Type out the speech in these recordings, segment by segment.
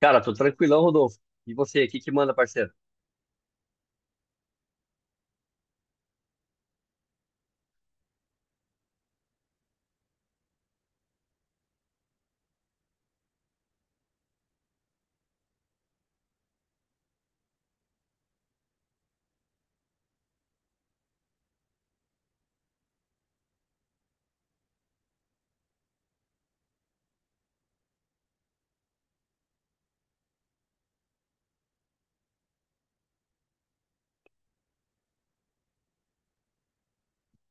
Cara, tô tranquilão, Rodolfo. E você, o que que manda, parceiro?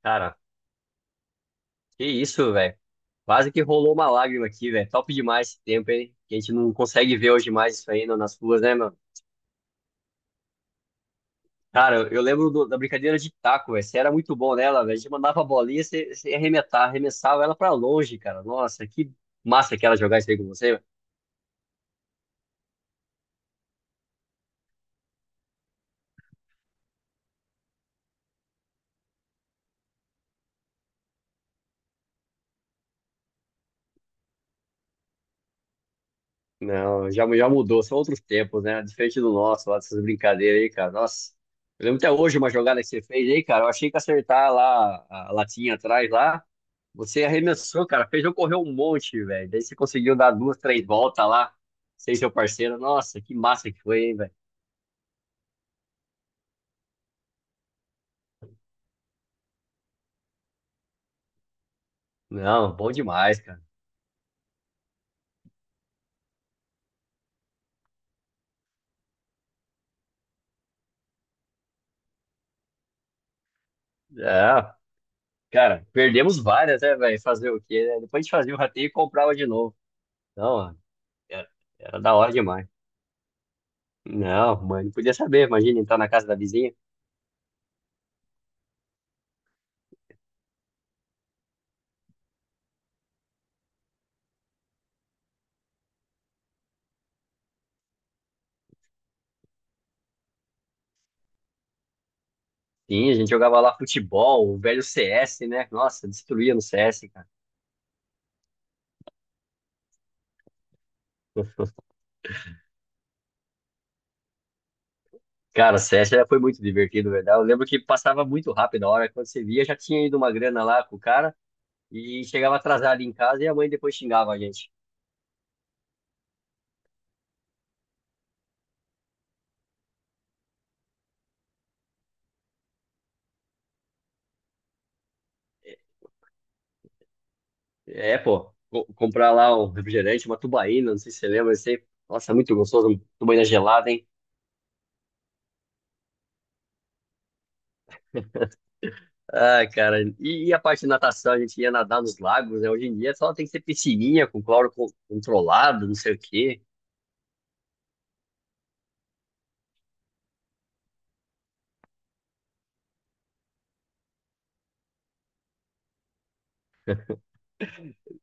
Cara, que isso, velho. Quase que rolou uma lágrima aqui, velho. Top demais esse tempo, hein? Que a gente não consegue ver hoje mais isso aí nas ruas, né, mano? Cara, eu lembro da brincadeira de taco, velho. Você era muito bom nela, velho. A gente mandava a bolinha, você, você ia arrematar, arremessava ela pra longe, cara. Nossa, que massa que era jogar isso aí com você. Não, já mudou, são outros tempos, né? Diferente do nosso, lá dessas brincadeiras aí, cara. Nossa, eu lembro até hoje uma jogada que você fez aí, cara. Eu achei que acertar lá a latinha atrás lá. Você arremessou, cara. Fez eu correr um monte, velho. Daí você conseguiu dar duas, três voltas lá. Sem seu parceiro. Nossa, que massa que foi, hein, velho. Não, bom demais, cara. É, cara, perdemos várias, né, velho? Fazer o quê, né? Depois a gente fazia o rateio e comprava de novo. Não, era, era da hora demais. Não, mãe, não podia saber. Imagina entrar na casa da vizinha. Sim, a gente jogava lá futebol, o velho CS, né? Nossa, destruía no CS, cara. Cara, CS já foi muito divertido, verdade. Eu lembro que passava muito rápido a hora. Quando você via, já tinha ido uma grana lá com o cara e chegava atrasado em casa e a mãe depois xingava a gente. É, pô, comprar lá um refrigerante, uma tubaína, não sei se você lembra, isso aí. Nossa, muito gostoso, uma tubaína gelada, hein? Ah, cara, e a parte de natação, a gente ia nadar nos lagos, né? Hoje em dia só tem que ser piscininha com cloro controlado, não sei o quê.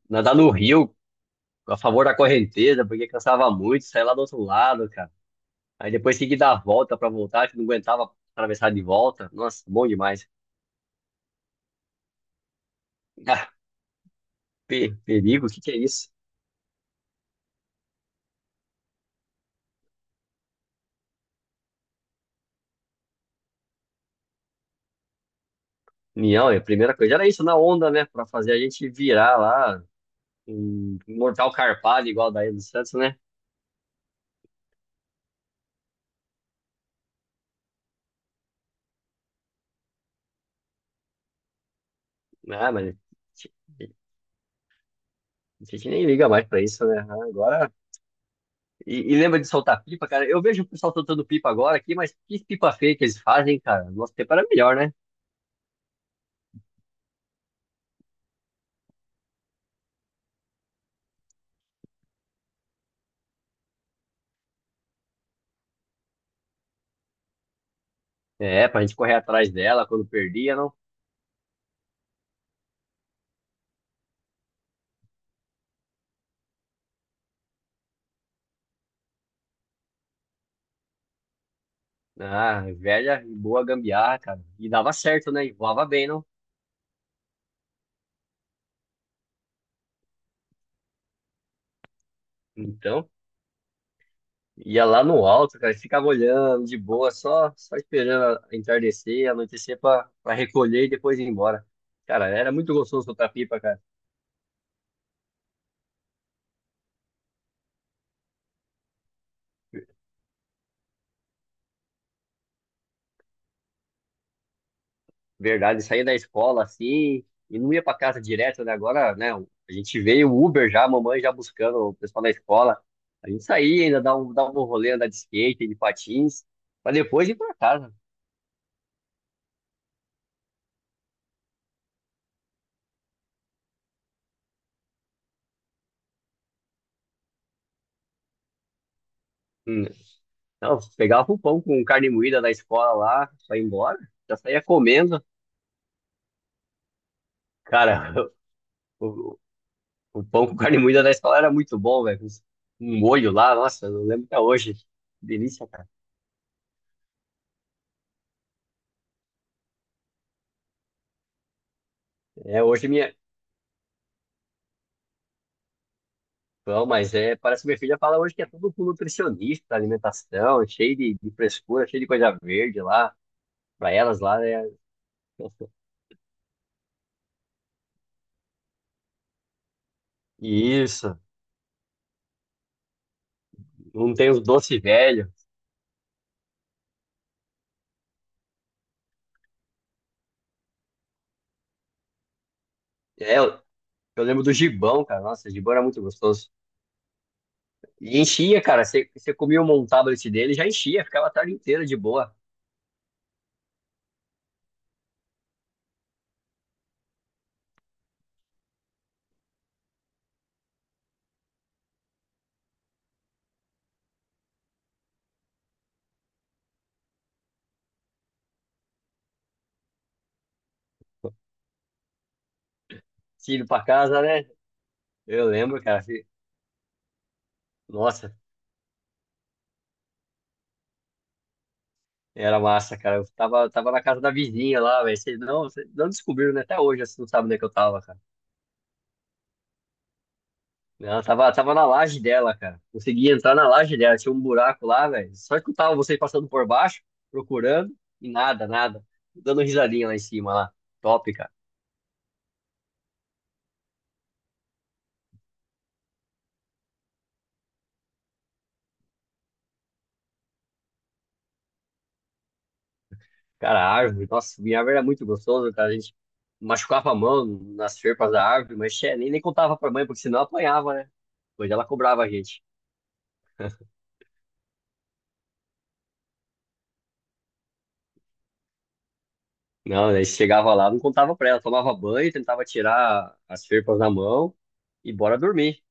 Nadar no rio, a favor da correnteza, porque cansava muito, saía lá do outro lado, cara. Aí depois tinha que dar a volta pra voltar, que não aguentava atravessar de volta. Nossa, bom demais. Ah, perigo, o que que é isso? Não, a primeira coisa era isso na onda, né? Pra fazer a gente virar lá, um mortal carpado igual daí do Santos, né? Ah, mas a gente nem liga mais pra isso, né? Ah, agora. E lembra de soltar pipa, cara? Eu vejo o pessoal soltando pipa agora aqui, mas que pipa feia que eles fazem, cara. Nosso tempo era melhor, né? É, pra gente correr atrás dela quando perdia, não? Ah, velha e boa gambiarra, cara. E dava certo, né? E voava bem, não? Então, ia lá no alto, cara, e ficava olhando de boa, só esperando entardecer, anoitecer pra recolher e depois ir embora. Cara, era muito gostoso soltar pipa, cara. Verdade, saía da escola assim e não ia pra casa direto, né? Agora, né? A gente veio o Uber já, a mamãe já buscando o pessoal da escola. A gente saía, ainda dava um rolê, andar de skate, de patins, pra depois ir pra casa. Hum. Não, pegava o pão com carne moída da escola lá, só ia embora, já saía comendo. Cara, o, o pão com carne moída da escola era muito bom, velho. Com um molho lá, nossa, eu não lembro até hoje. Delícia, cara. É, hoje minha. Não, mas é, parece que minha filha fala hoje que é tudo com nutricionista, alimentação, cheio de frescura, cheio de coisa verde lá, pra elas lá, né? Isso, não tem os doce velho. É, eu lembro do gibão, cara. Nossa, o gibão era muito gostoso. E enchia, cara. Você comia um tablet dele, já enchia, ficava a tarde inteira de boa. Filho pra casa, né? Eu lembro, cara. Nossa, era massa, cara. Eu tava, tava na casa da vizinha lá, velho. Vocês não descobriram, né? Até hoje, assim, não sabem onde é que eu tava, cara. Ela tava, tava na laje dela, cara. Consegui entrar na laje dela, tinha um buraco lá, velho. Só escutava vocês passando por baixo, procurando, e nada, nada. Dando risadinha lá em cima, lá. Top, cara. Cara, a árvore, nossa, minha árvore era muito gostosa, cara. A gente machucava a mão nas ferpas da árvore, mas nem contava pra mãe, porque senão apanhava, né? Pois ela cobrava a gente. Não, daí chegava lá, não contava pra ela, tomava banho, tentava tirar as ferpas da mão e bora dormir.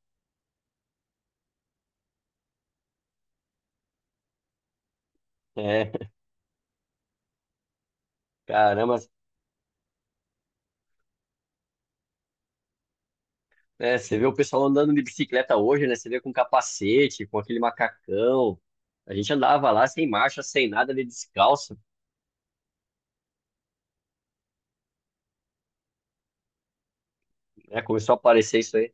É, caramba, né? Você vê o pessoal andando de bicicleta hoje, né? Você vê com capacete, com aquele macacão. A gente andava lá sem marcha, sem nada, ali descalço, né? Começou a aparecer isso aí.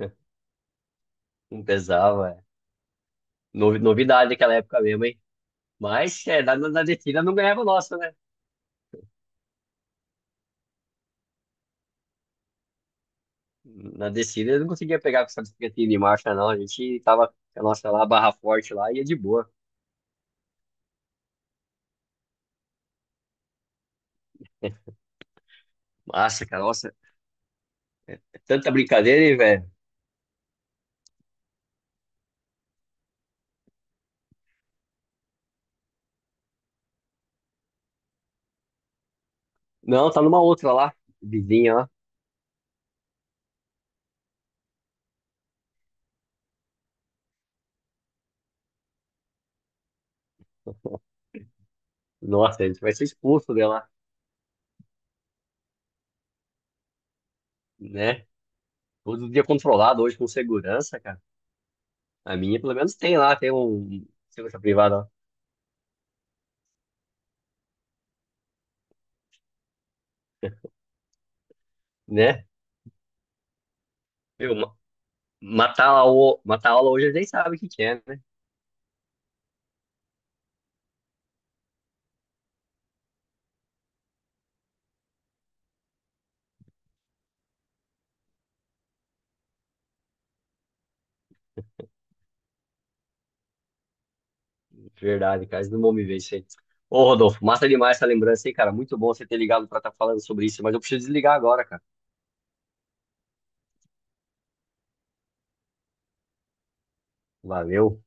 Não pesava, é. Novidade daquela época mesmo, hein? Mas é, na descida não ganhava o nosso, né? Na descida eu não conseguia pegar com essa bicicletinha de marcha, não. A gente tava com a nossa lá, barra forte lá, ia de boa. Massa, cara, nossa, é tanta brincadeira, hein, velho? Não, tá numa outra lá, vizinha lá. Nossa, a gente vai ser expulso dela, né? Todo dia controlado hoje com segurança, cara. A minha, pelo menos, tem lá, tem um segurança privada, lá, né? Meu, matar a aula hoje, a gente sabe o que que é, né? Verdade, cara, eles não vão me vencer. Ô, Rodolfo, massa demais essa lembrança aí, cara. Muito bom você ter ligado pra estar falando sobre isso, mas eu preciso desligar agora, cara. Valeu.